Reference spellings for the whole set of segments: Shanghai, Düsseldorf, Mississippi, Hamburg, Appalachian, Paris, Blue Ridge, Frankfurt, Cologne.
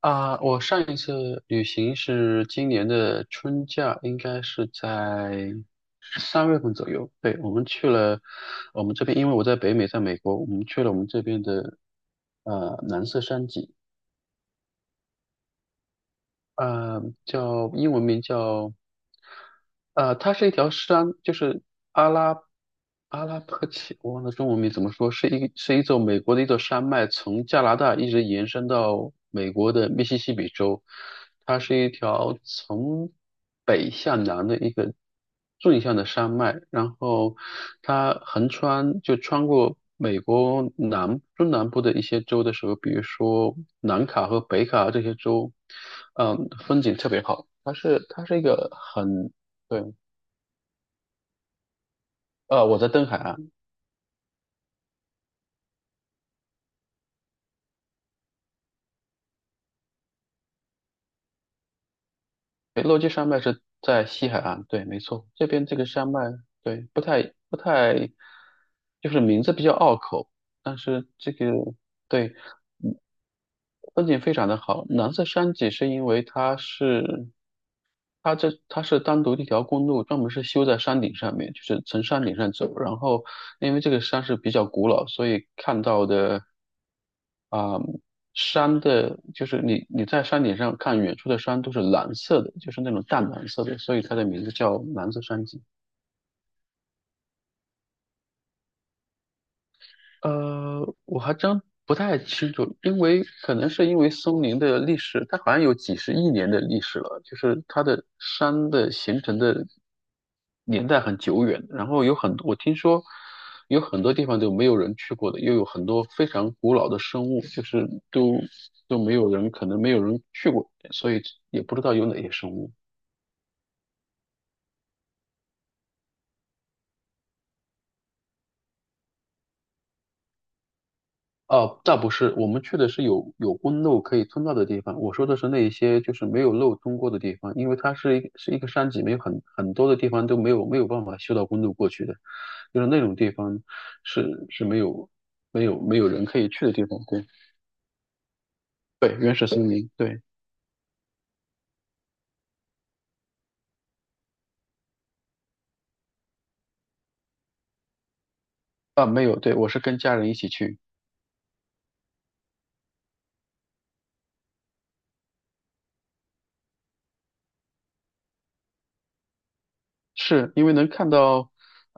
啊，我上一次旅行是今年的春假，应该是在3月份左右。对，我们去了我们这边，因为我在北美，在美国，我们去了我们这边的蓝色山脊，叫英文名叫它是一条山，就是阿拉阿拉伯奇，我忘了中文名怎么说，是美国的一座山脉，从加拿大一直延伸到美国的密西西比州。它是一条从北向南的一个纵向的山脉，然后它横穿就穿过美国中南部的一些州的时候，比如说南卡和北卡这些州，风景特别好。它是一个很。对。我在东海岸。对，落基山脉是在西海岸，对，没错，这边这个山脉。对，不太，就是名字比较拗口，但是这个。对，风景非常的好。蓝色山脊是因为它是单独的一条公路，专门是修在山顶上面，就是从山顶上走。然后因为这个山是比较古老，所以看到的啊、山的，就是你在山顶上看远处的山都是蓝色的，就是那种淡蓝色的，所以它的名字叫蓝色山脊。我还真不太清楚，因为可能是因为松林的历史，它好像有几十亿年的历史了，就是它的山的形成的年代很久远，然后有很多，我听说有很多地方都没有人去过的，又有很多非常古老的生物，就是都没有人，可能没有人去过，所以也不知道有哪些生物。哦，倒不是，我们去的是有公路可以通到的地方。我说的是那一些就是没有路通过的地方，因为它是一个山脊，没有很多的地方都没有办法修到公路过去的，就是那种地方是没有没有人可以去的地方。对对，原始森林，对啊，没有，对我是跟家人一起去。是因为能看到，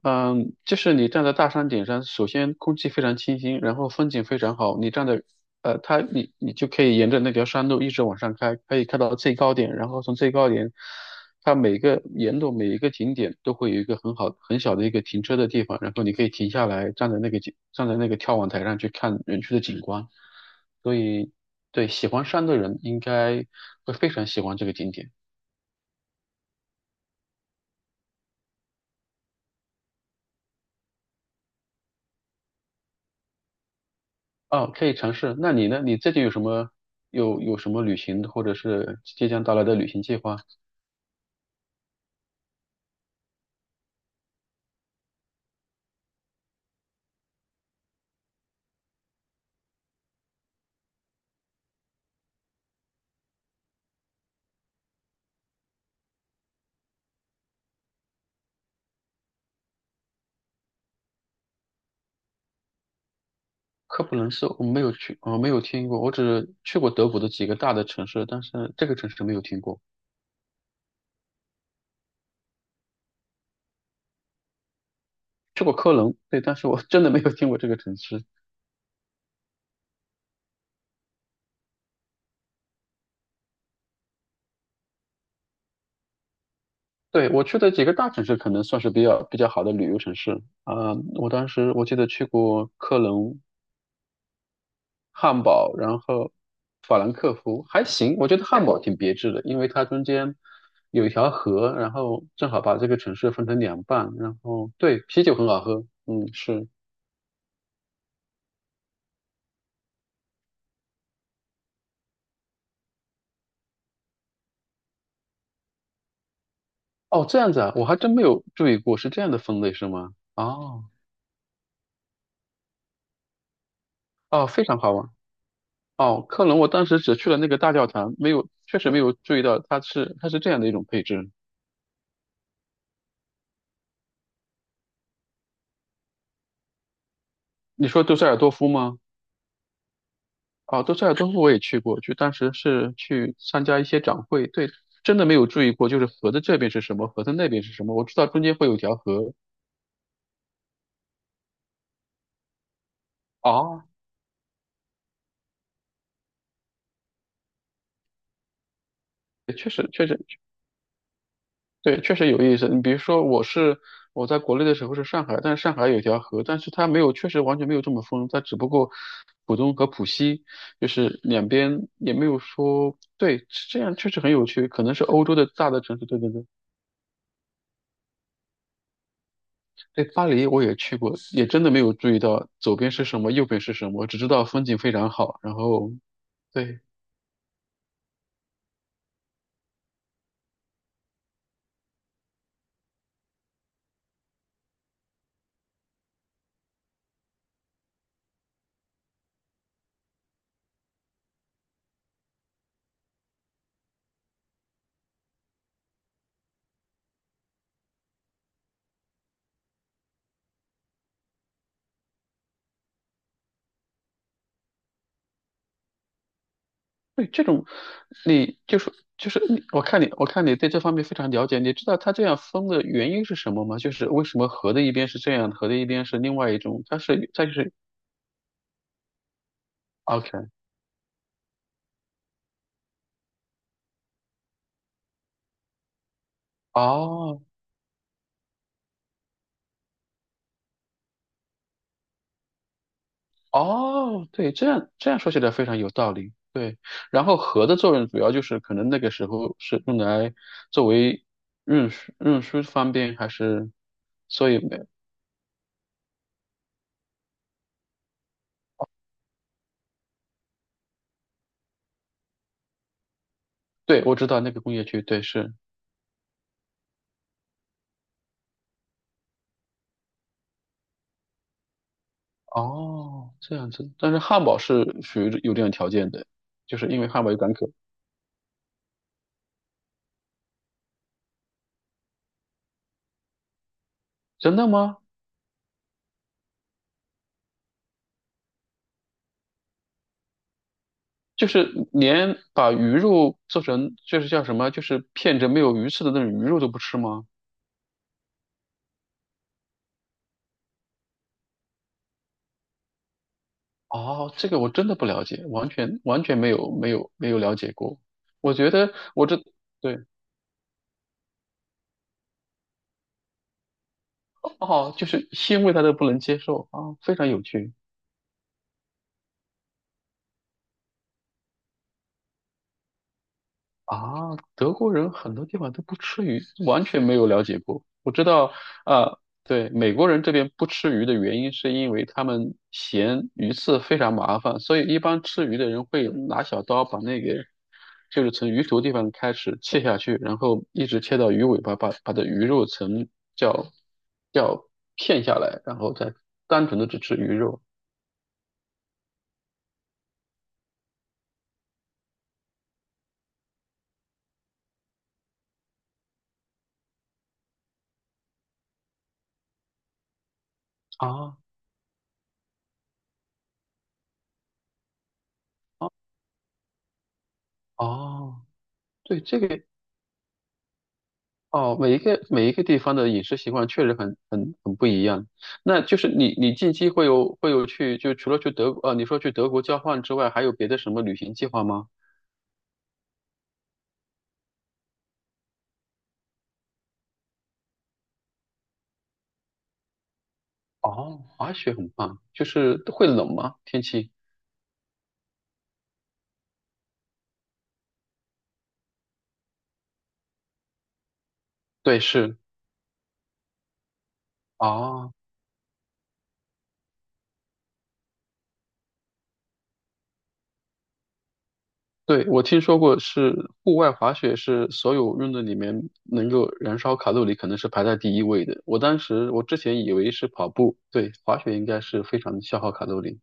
就是你站在大山顶上，首先空气非常清新，然后风景非常好。你站在，你就可以沿着那条山路一直往上开，可以看到最高点，然后从最高点，它每个沿路每一个景点都会有一个很好很小的一个停车的地方，然后你可以停下来，站在那个眺望台上去看园区的景观。所以，对喜欢山的人应该会非常喜欢这个景点。哦，可以尝试。那你呢？你最近有什么旅行，或者是即将到来的旅行计划？科普伦斯我没有去，我没有听过，我只去过德国的几个大的城市，但是这个城市没有听过。去过科隆，对，但是我 真的没有听过这个城市。对，我去的几个大城市可能算是比较好的旅游城市啊，我当时我记得去过科隆，汉堡，然后法兰克福还行，我觉得汉堡挺别致的，因为它中间有一条河，然后正好把这个城市分成两半，然后对，啤酒很好喝，嗯，是，哦，这样子啊，我还真没有注意过是这样的分类是吗？哦，哦，非常好玩，哦，科隆我当时只去了那个大教堂，没有，确实没有注意到它是这样的一种配置。你说杜塞尔多夫吗？啊，都塞尔多夫我也去过，就当时是去参加一些展会，对，真的没有注意过，就是河的这边是什么，河的那边是什么，我知道中间会有条河啊，对确实对，确实有意思。你比如说，我在国内的时候是上海，但是上海有条河，但是它没有，确实完全没有这么疯，它只不过浦东和浦西就是两边也没有说，对，这样确实很有趣，可能是欧洲的大的城市，对对对。对，巴黎我也去过，也真的没有注意到左边是什么，右边是什么，只知道风景非常好。然后，对对，这种你就是你我看你对这方面非常了解，你知道它这样分的原因是什么吗？就是为什么河的一边是这样，河的一边是另外一种？它就是 OK。 哦。哦，对，这样说起来非常有道理。对，然后核的作用主要就是可能那个时候是用来作为运输方便，还是所以没，对，我知道那个工业区，对，是哦，这样子。但是汉堡是属于有这样条件的，就是因为汉堡有港口。真的吗？就是连把鱼肉做成就是叫什么，就是片着没有鱼刺的那种鱼肉都不吃吗？哦，这个我真的不了解，完全没有了解过。我觉得我这。对，哦，就是腥味他都不能接受啊，非常有趣。啊，德国人很多地方都不吃鱼，完全没有了解过。我知道，啊，对，美国人这边不吃鱼的原因是因为他们嫌鱼刺非常麻烦，所以一般吃鱼的人会拿小刀把那个，就是从鱼头地方开始切下去，然后一直切到鱼尾巴，把的鱼肉层叫叫片下来，然后再单纯的只吃鱼肉。啊，哦，对，这个。哦，每一个地方的饮食习惯确实很不一样。那就是你近期会有去就除了你说去德国交换之外，还有别的什么旅行计划吗？哦，滑雪很棒，就是会冷吗？天气？对，是啊，对，我听说过是户外滑雪是所有运动里面能够燃烧卡路里可能是排在第一位的。我当时我之前以为是跑步，对，滑雪应该是非常消耗卡路里。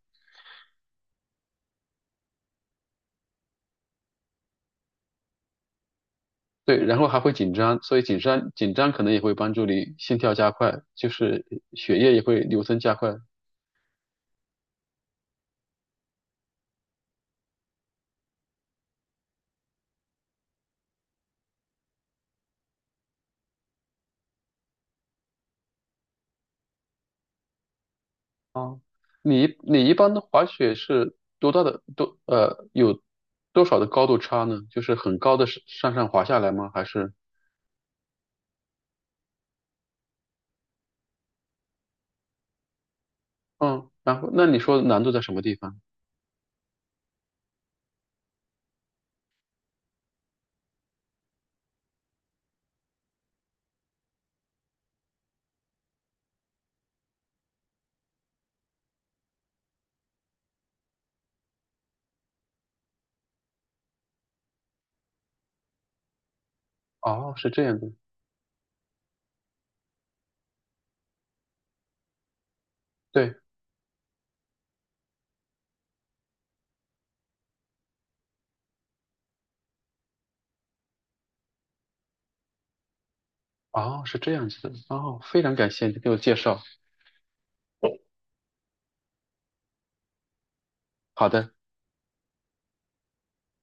对，然后还会紧张，所以紧张可能也会帮助你心跳加快，就是血液也会流通加快。哦，你一般的滑雪是多大的有多少的高度差呢？就是很高的上上上滑下来吗？还是嗯，然后那你说难度在什么地方？哦，是这样的，对，哦，是这样子的，哦，非常感谢你给我介绍，好的。